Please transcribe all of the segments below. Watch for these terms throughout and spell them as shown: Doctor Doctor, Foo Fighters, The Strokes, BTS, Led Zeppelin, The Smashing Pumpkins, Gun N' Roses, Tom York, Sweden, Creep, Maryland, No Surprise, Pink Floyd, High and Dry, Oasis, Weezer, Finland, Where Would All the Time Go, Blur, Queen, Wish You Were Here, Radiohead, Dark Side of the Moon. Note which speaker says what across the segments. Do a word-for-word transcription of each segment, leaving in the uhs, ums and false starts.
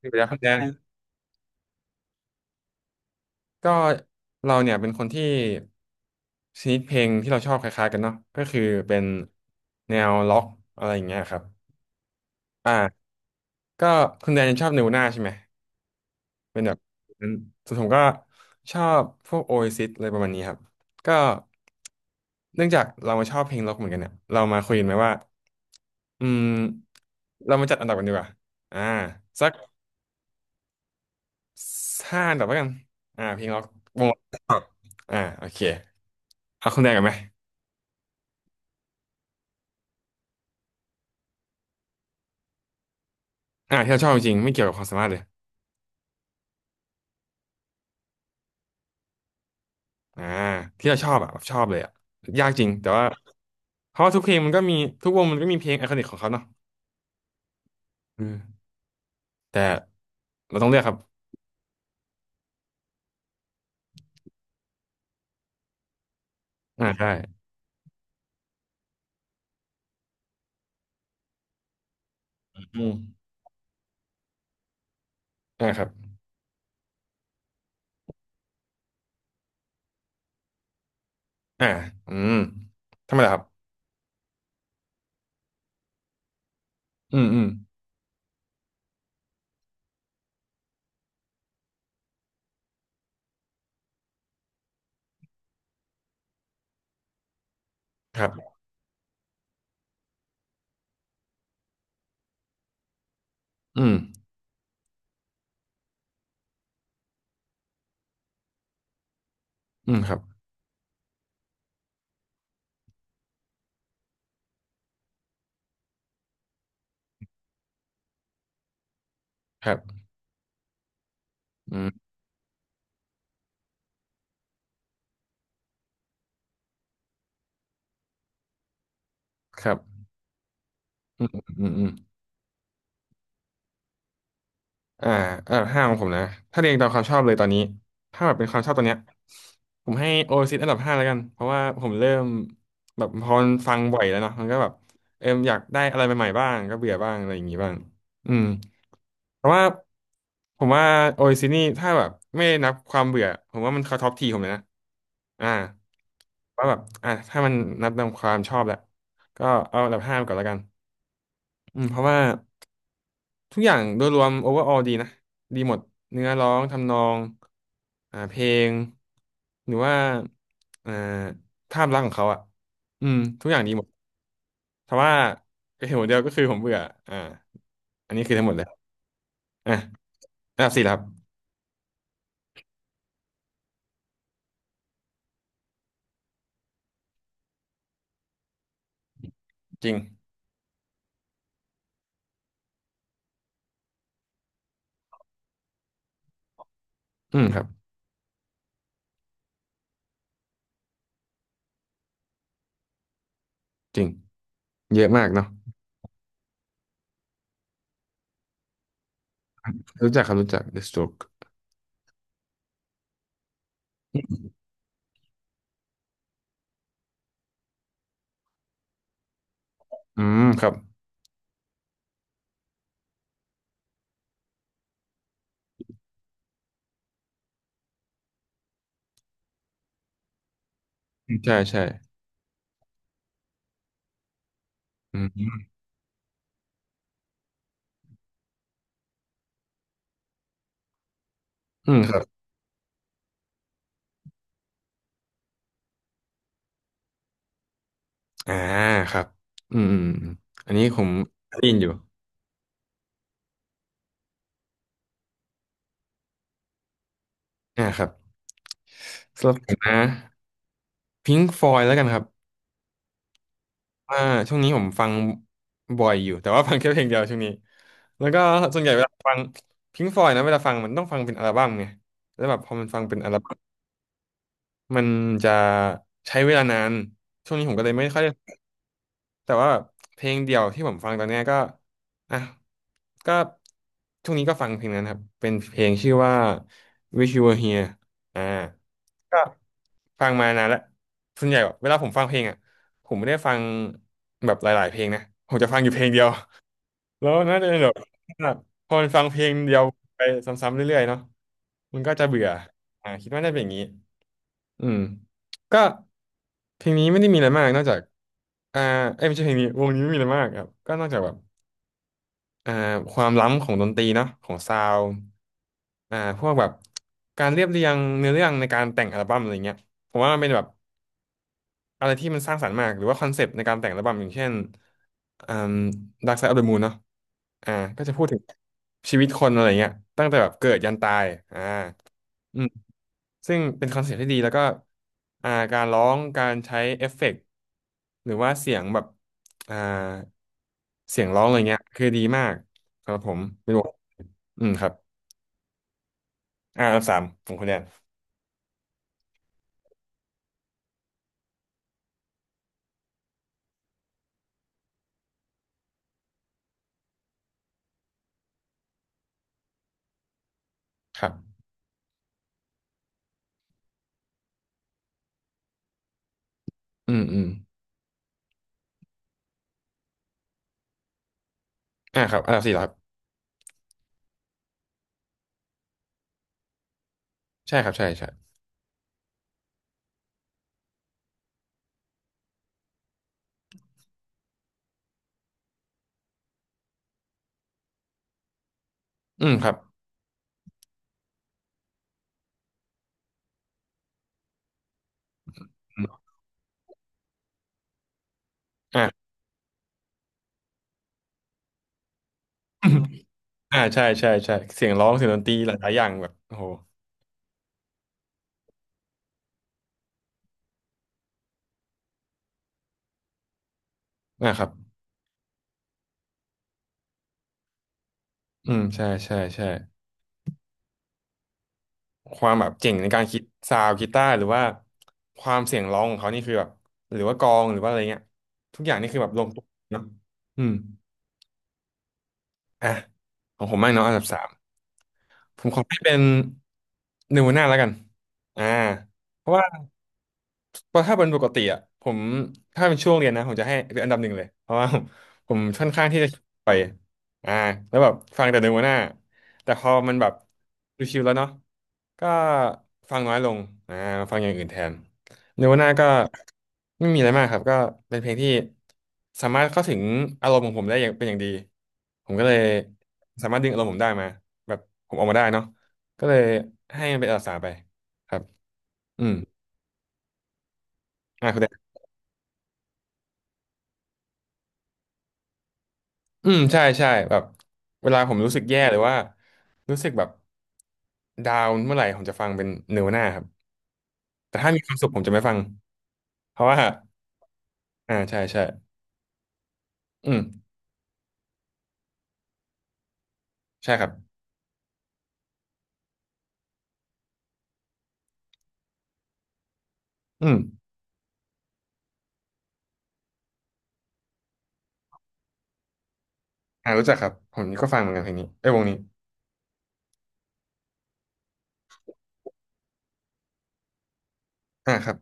Speaker 1: เดี๋ยวครแดนก็เราเนี่ยเป็นคนที่ชนิดเพลงที่เราชอบคล้ายๆกันเนาะก็คือเป็นแนวล็อกอะไรอย่างเงี้ยครับอ่าก็คุณแดนยังชอบเนวน่าใช่ไหมเป็นแบบนั้นส่วนผมก็ชอบพวกโอเอซิสอะไรประมาณนี้ครับก็เนื่องจากเรามาชอบเพลงล็อกเหมือนกันเนี่ยเรามาคุยกันไหมว่าอืมเรามาจัดอันดับกันดีกว่าอ่าสักห้าอันดับแล้วกันอ่าเพลงล็อกวงล็อกอ่าโอเค เอาคนแรกกันไหมอ่าที่เราชอบจริงๆไม่เกี่ยวกับความสามารถเลยอ่าที่เราชอบอะแบบชอบเลยอะยากจริงแต่ว่าเพราะว่าทุกเพลงมันก็มีทุกวงมันก็มีเพลงไอคอนิกของเขาเนาะอืมแต่เราต้องเลือกครับอ่าใช่อืมอ่าครับอ่าอืมทำไมล่ะครับอืมอืมครับอืมอืมครับครับอืมครับอืมอืมอืม อ่าเอ่ห้าของผมนะถ้าเรียงตามความชอบเลยตอนนี้ถ้าแบบเป็นความชอบตอนเนี้ยผมให้โอซิสอันดับห้าแล้วกันเพราะว่าผมเริ่มแบบพอมันฟังบ่อยแล้วเนาะมันก็แบบเอมอยากได้อะไรใหม่ๆบ้างก็เบื่อบ้างอะไรอย่างงี้บ้างอืมเพราะว่าผมว่าโอซิสนี่ถ้าแบบไม่นับความเบื่อผมว่ามันเขาท็อปทีผมเลยนะอ่าว่าแบบอ่าถ้ามันนับตามความชอบแหละก็เอาอันดับห้าก่อนแล้วกันอืมเพราะว่า ทุกอย่างโดยรวมโอเวอร์ออลดีนะดีหมดเนื้อร้องทำนองอ่าเพลงหรือว่าอ่าภาพลักษณ์ของเขาอ่ะอืมทุกอย่างดีหมดแต่ว่าเหตุผลเดียวก็คือผมเบื่ออ่าอันนี้คือทั้งหมดเลยอ่ะอันดับสี่แล้วครับจริงอืมครับจริงเยอะมากเนาะรู้จักครับรู้จัก The Stroke อืมครับใช่ใช่อืมอืมครับอ่าครับอืมอืมอมอันนี้ผมได้ยินอยู่อ่าครับสำหรับผมนะ พิงค์ฟอยแล้วกันครับอ่าช่วงนี้ผมฟังบ่อยอยู่ แต่ว่าฟังแค่เพลงเดียวช่วงนี้แล้วก็ส่วนใหญ่เวลาฟังพิงค์ฟอยนะเวลาฟังมันต้องฟังเป็นอัลบั้มไงแล้วแบบพอมันฟังเป็นอัลบั้มมันจะใช้เวลานาน ช่วงนี้ผมก็เลยไม่ค่อยได้ แต่ว่าเพลงเดียวที่ผมฟังตอนเนี้ยก็อ่ะก็ช่วงนี้ก็ฟังเพลงนั้นครับเป็นเพลงชื่อว่า Wish You Were Here อ่าก็ฟังมานานแล้วส่วนใหญ่เวลาผมฟังเพลงอ่ะผมไม่ได้ฟังแบบหลายๆเพลงนะผมจะฟังอยู่เพลงเดียว แล้วน่าจะเป็นแบบพอมันฟังเพลงเดียวไปซ้ำๆเรื่อยๆเนาะมันก็จะเบื่ออ่าคิดว่าน่าจะเป็นอย่างนี้ อืมก็เพลงนี้ไม่ได้มีอะไรมากนอกจากอ่าเอ้ยไม่ใช่เพลงนี้วงนี้ไม่มีอะไรมากครับก็นอกจากแบบอ่าความล้ำของดนตรีเนาะของซาวด์อ่าพวกแบบการเรียบเรียงเนื้อเรื่องในการแต่งอัลบั้มอะไรเงี้ยผมว่ามันเป็นแบบอะไรที่มันสร้างสรรค์มากหรือว่าคอนเซปต์ในการแต่งอัลบั้มอย่างเช่นอ่า Dark Side of the Moon เนาะอ่าก็จะพูดถึงชีวิตคนอะไรเงี้ยตั้งแต่แบบเกิดยันตายอ่าอืม ซึ่งเป็นคอนเซ็ปต์ที่ดีแล้วก็อ่าการร้องการใช้เอฟเฟกต์หรือว่าเสียงแบบอ่าเสียงร้องอะไรเงี้ยคือดีมากครับผมไม่รู้อืมครับอ่าอันดับสามของคุณแดนครับอืมอืมอ่าครับอันดับสี่เหรอครับใช่ครับใช่ใช่อืมครับอมอ่าอ่าใช่ใช่ใช่เสียงร้องเสียงดนตรีหลายๆอย่างแบบโอ้โหอ่าครับอืมใช่ใช่ใช่ ความแบบเก่งในการคิดซาวด์กีตาร์หรือว่าความเสียงร้องของเขานี่คือแบบหรือว่ากลองหรือว่าอะไรเงี้ยทุกอย่างนี่คือแบบลงตัวเนาะอืมอ่ะของผมบ้างเนาะอันดับสามผมขอให้เป็นนูน่าแล้วกันอ่าเพราะว่า เพราะถ้าเป็นปกติอ่ะผมถ้าเป็นช่วงเรียนนะผมจะให้เป็นอันดับหนึ่งเลยเพราะว่า ผมค่อนข้างที่จะไปอ่าแล้วแบบฟังแต่เนื้อหัวหน้าแต่พอมันแบบชิวๆแล้วเนาะก็ฟังน้อยลงอ่าฟังอย่างอื่นแทนเนื้อหัวหน้าก็ไม่มีอะไรมากครับก็เป็นเพลงที่สามารถเข้าถึงอารมณ์ของผมได้อย่างเป็นอย่างดีผมก็เลยสามารถดึงอารมณ์ผมได้มาแบบผมออกมาได้เนาะก็เลยให้มันเป็นอันดับสามไปครับอืมอ่าคุณ อืมใช่ใช่แบบเวลาผมรู้สึกแย่หรือว่ารู้สึกแบบดาวน์เมื่อไหร่ผมจะฟังเป็นเนวนาครับแต่ถ้ามีความสุขผมจะไม่ฟังเพราะว่าอ่าใช่ใช่อืมใช่ครับอืมอ่ารู้จักครับผมก็ฟังเหมือนกันเพลงนี้ไอ้ยวงนี้อ่าครับ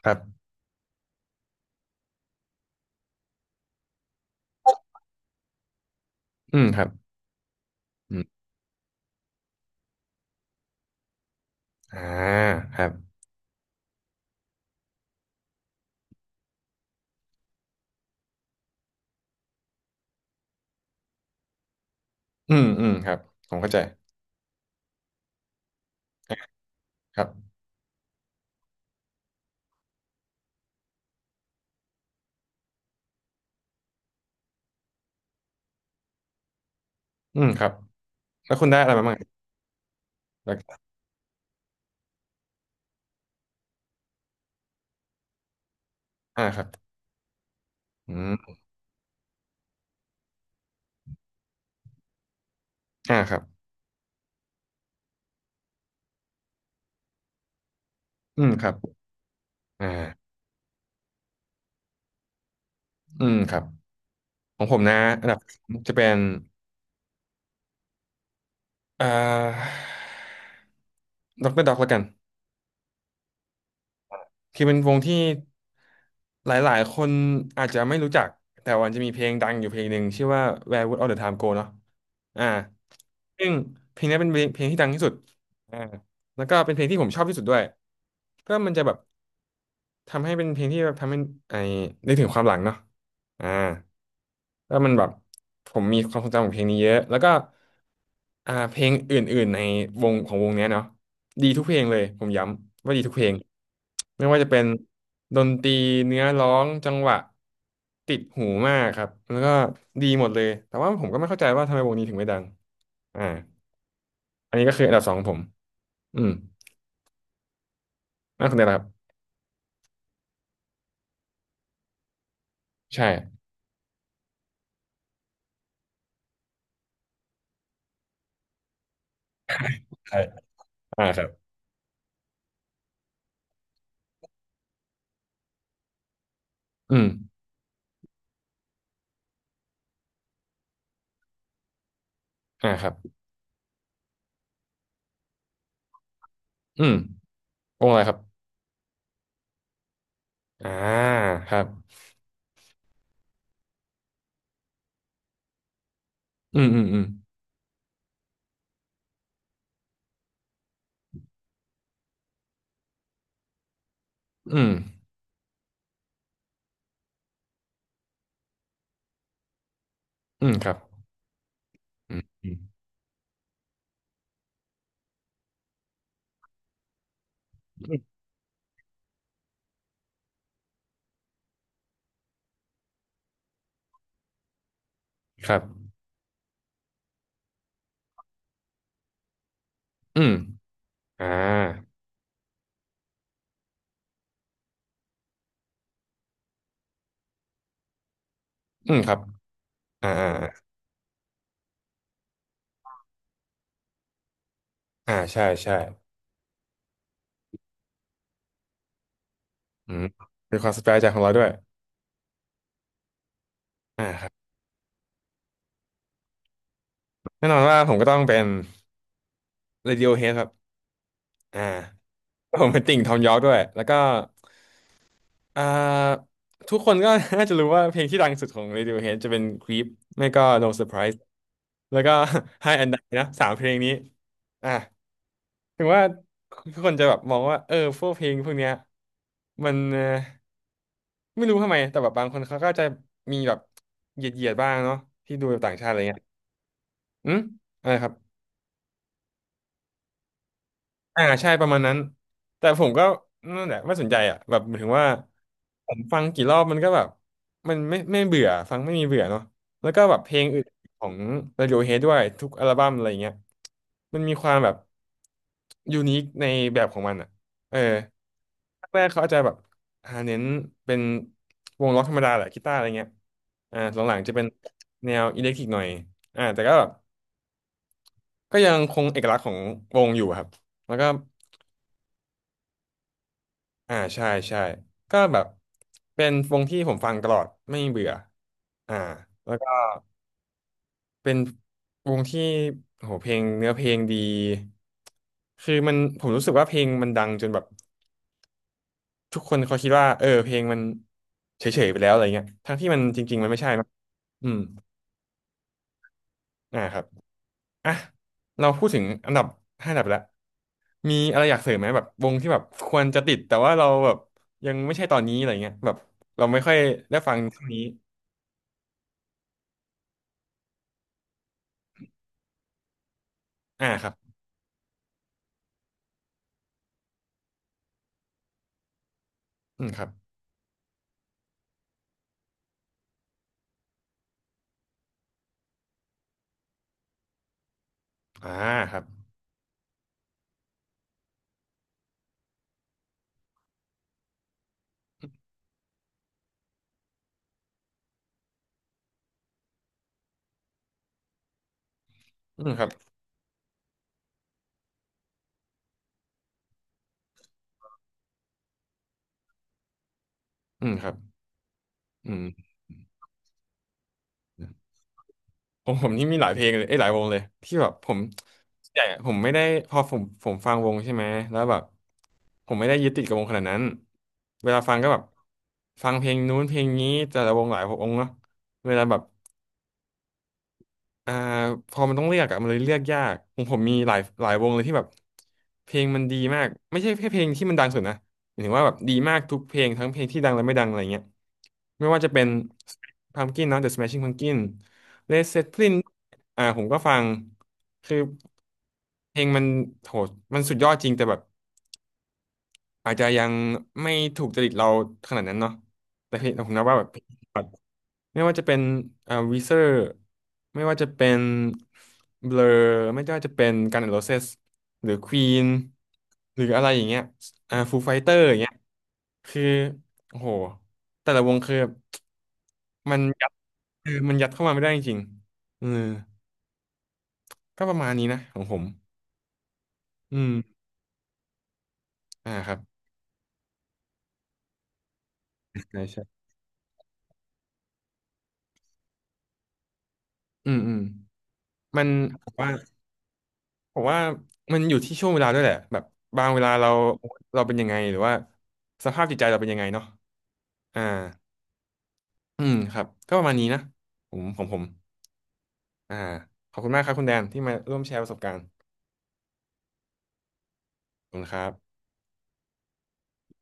Speaker 1: ครับอืมครับอืมอ่าครับอืมอืมครับผมเข้าใจอ่ะครับอืมครับแล้วคุณได้อะไรมาบ้างแล้วอ่าครับอืมอ่าครับอืมครับอ่าอืมครับของผมนะอันดับาจะเป็น อ่าด็อกเตอร์ด็อกแล้วกัน คือเป็นวงที่หลายๆ คนอาจจะไม่รู้จัก แต่วันจะมีเพลงดังอยู่เพลงหนึ่งชื่อว่า Where Would All the Time Go เนาะอ่าซึ่งเพลงนี้เป็นเพลงเพลงที่ดังที่สุดอ่าแล้วก็เป็นเพลงที่ผมชอบที่สุดด้วยก็มันจะแบบ ทำให้เป็นเพลงที่แบบทำให้ไอ้นึกถึงความหลังเนาะอ่าแล้วมันแบบผมมีความทรงจำของเพลงนี้เยอะแล้วก็อ่าเพลงอื่นๆในวงของวงเนี้ยเนาะดีทุกเพลงเลยผมย้ำว่าดีทุกเพลงไม่ว่าจะเป็นดนตรีเนื้อร้องจังหวะติดหูมากครับแล้วก็ดีหมดเลยแต่ว่าผมก็ไม่เข้าใจว่าทำไมวงนี้ถึงไม่ดังอ่าอันนี้ก็คืออันดับสองของผมอืมนั่นคนเดียวครับใช่ใช่อ่าครับอืมอ่าครับอืม วงอะไรครับอ่าครับอืมอืมอืมอืมอืมครับอืมอืมอืมครับอืมอ่าอืมครับอ่าอ่าอ่าใช่ใช่อืมเป็นความสเปรจ์ใของเราด้วยอ่าครับแน่นอนว่าผมก็ต้องเป็น Radiohead ครับอ่าผมเป็นติ่งทอมยอร์กด้วยแล้วก็ อ่า ทุกคนก็ น่าจะรู้ว่าเพลงที่ดังสุดของ Radiohead จะเป็น Creep ไม่ก็ No Surprise แล้วก็ High and Die นะสามเพลงนี้อ่ะ ถึงว่าคนจะแบบมองว่าเออพวกเพลงพวกเนี้ยมันเอ่อไม่รู้ทำไมแต่แบบบางคนเขาก็จะมีแบบเหยียดๆบ้างเนาะที่ดูแบบต่างชาติอะไรเงี้ยอืมอะไรครับ อ่าใช่ประมาณนั้นแต่ผมก็นั่นแหละไม่สนใจอ่ะแบบหมายถึงว่าผมฟังกี่รอบมันก็แบบมันไม่ไม่เบื่อฟังไม่มีเบื่อเนาะแล้วก็แบบเพลงอื่นของ Radiohead ด้วยทุกอัลบั้มอะไรเงี้ยมันมีความแบบยูนิคในแบบของมันอ่ะเออแรกๆเขาอาจจะแบบหาเน้นเป็นวงล็อกธรรมดาแหละกีตาร์อะไรเงี้ยอ่าหลังๆจะเป็นแนวอิเล็กทริกหน่อยอ่าแต่ก็แบบก็ยังคงเอกลักษณ์ของวงอยู่ครับแล้วก็ อ่าใช่ใช่ก็แบบเป็นวงที่ผมฟังตลอดไม่เบื่ออ่าแล้วก็เป็นวงที่โหเพลงเนื้อเพลงดีคือมันผมรู้สึกว่าเพลงมันดังจนแบบทุกคนเขาคิดว่าเออเพลงมันเฉยๆไปแล้วอะไรเงี้ยทั้งที่มันจริงๆมันไม่ใช่นะอืมอ่าครับอ่ะเราพูดถึงอันดับห้าอันดับแล้วมีอะไรอยากเสริมไหมแบบวงที่แบบควรจะติดแต่ว่าเราแบบยังไม่ใช่ตอนนี้อะไรเงี้ยแบบเราไม่ค่อยได้ฟังช่วนี้ อ่าครับอืมครับอ่าครับอืมครับอืมครับอืมผมผมนี่มีหลายเพลงเลยเอ้ยหลายวงเลยที่แบบผมใหญ่อะผมไม่ได้พอผมผมฟังวงใช่ไหมแล้วแบบผมไม่ได้ยึดติดกับวงขนาดนั้น เวลาฟังก็แบบฟังเพลงนู้นเพลงนี้แต่ละวงหลายวงเนาะเวลาแบบ อ่าพอมันต้องเลือกอะมันเลยเลือกยากผมผมมีหลายหลายวงเลยที่แบบเพลงมันดีมากไม่ใช่แค่เพลงที่มันดังสุดนะหมายถึงว่าแบบดีมากทุกเพลงทั้งเพลงที่ดังและไม่ดังอะไรเงี้ยไม่ว่าจะเป็น Pumpkin เนาะ The Smashing Pumpkin Led Zeppelin อ่าผมก็ฟังคือเพลงมันโหมันสุดยอดจริงแต่แบบอาจจะยังไม่ถูกจริตเราขนาดนั้นเนาะแต่เพลงผมนับว่าแบบ ไม่ว่าจะเป็นอ่าวีเซอร์ไม่ว่าจะเป็นเบลอไม่ว่าจะเป็นกัน n อน์โรเซสหรือควีนหรืออะไรอย่างเงี้ยอ่าฟูไฟเตอร์อย่างเงี้ยคือโอ้โหแต่ละวงคือมันยัดเออมันยัดเข้ามาไม่ได้จริงๆเออก็ประมาณนี้นะของผมอืมอ่าครับใช่ใช่อืมอืมมันผมว่าผมว่ามันอยู่ที่ช่วงเวลาด้วยแหละแบบบางเวลาเราเราเป็นยังไงหรือว่าสภาพจิตใจเราเป็นยังไงเนาะอ่า อืมครับก็ประมาณนี้นะผมผมผมอ่าขอบคุณมากครับคุณแดนที่มาร่วมแชร์ประสบการณ์ขอบคุณครับ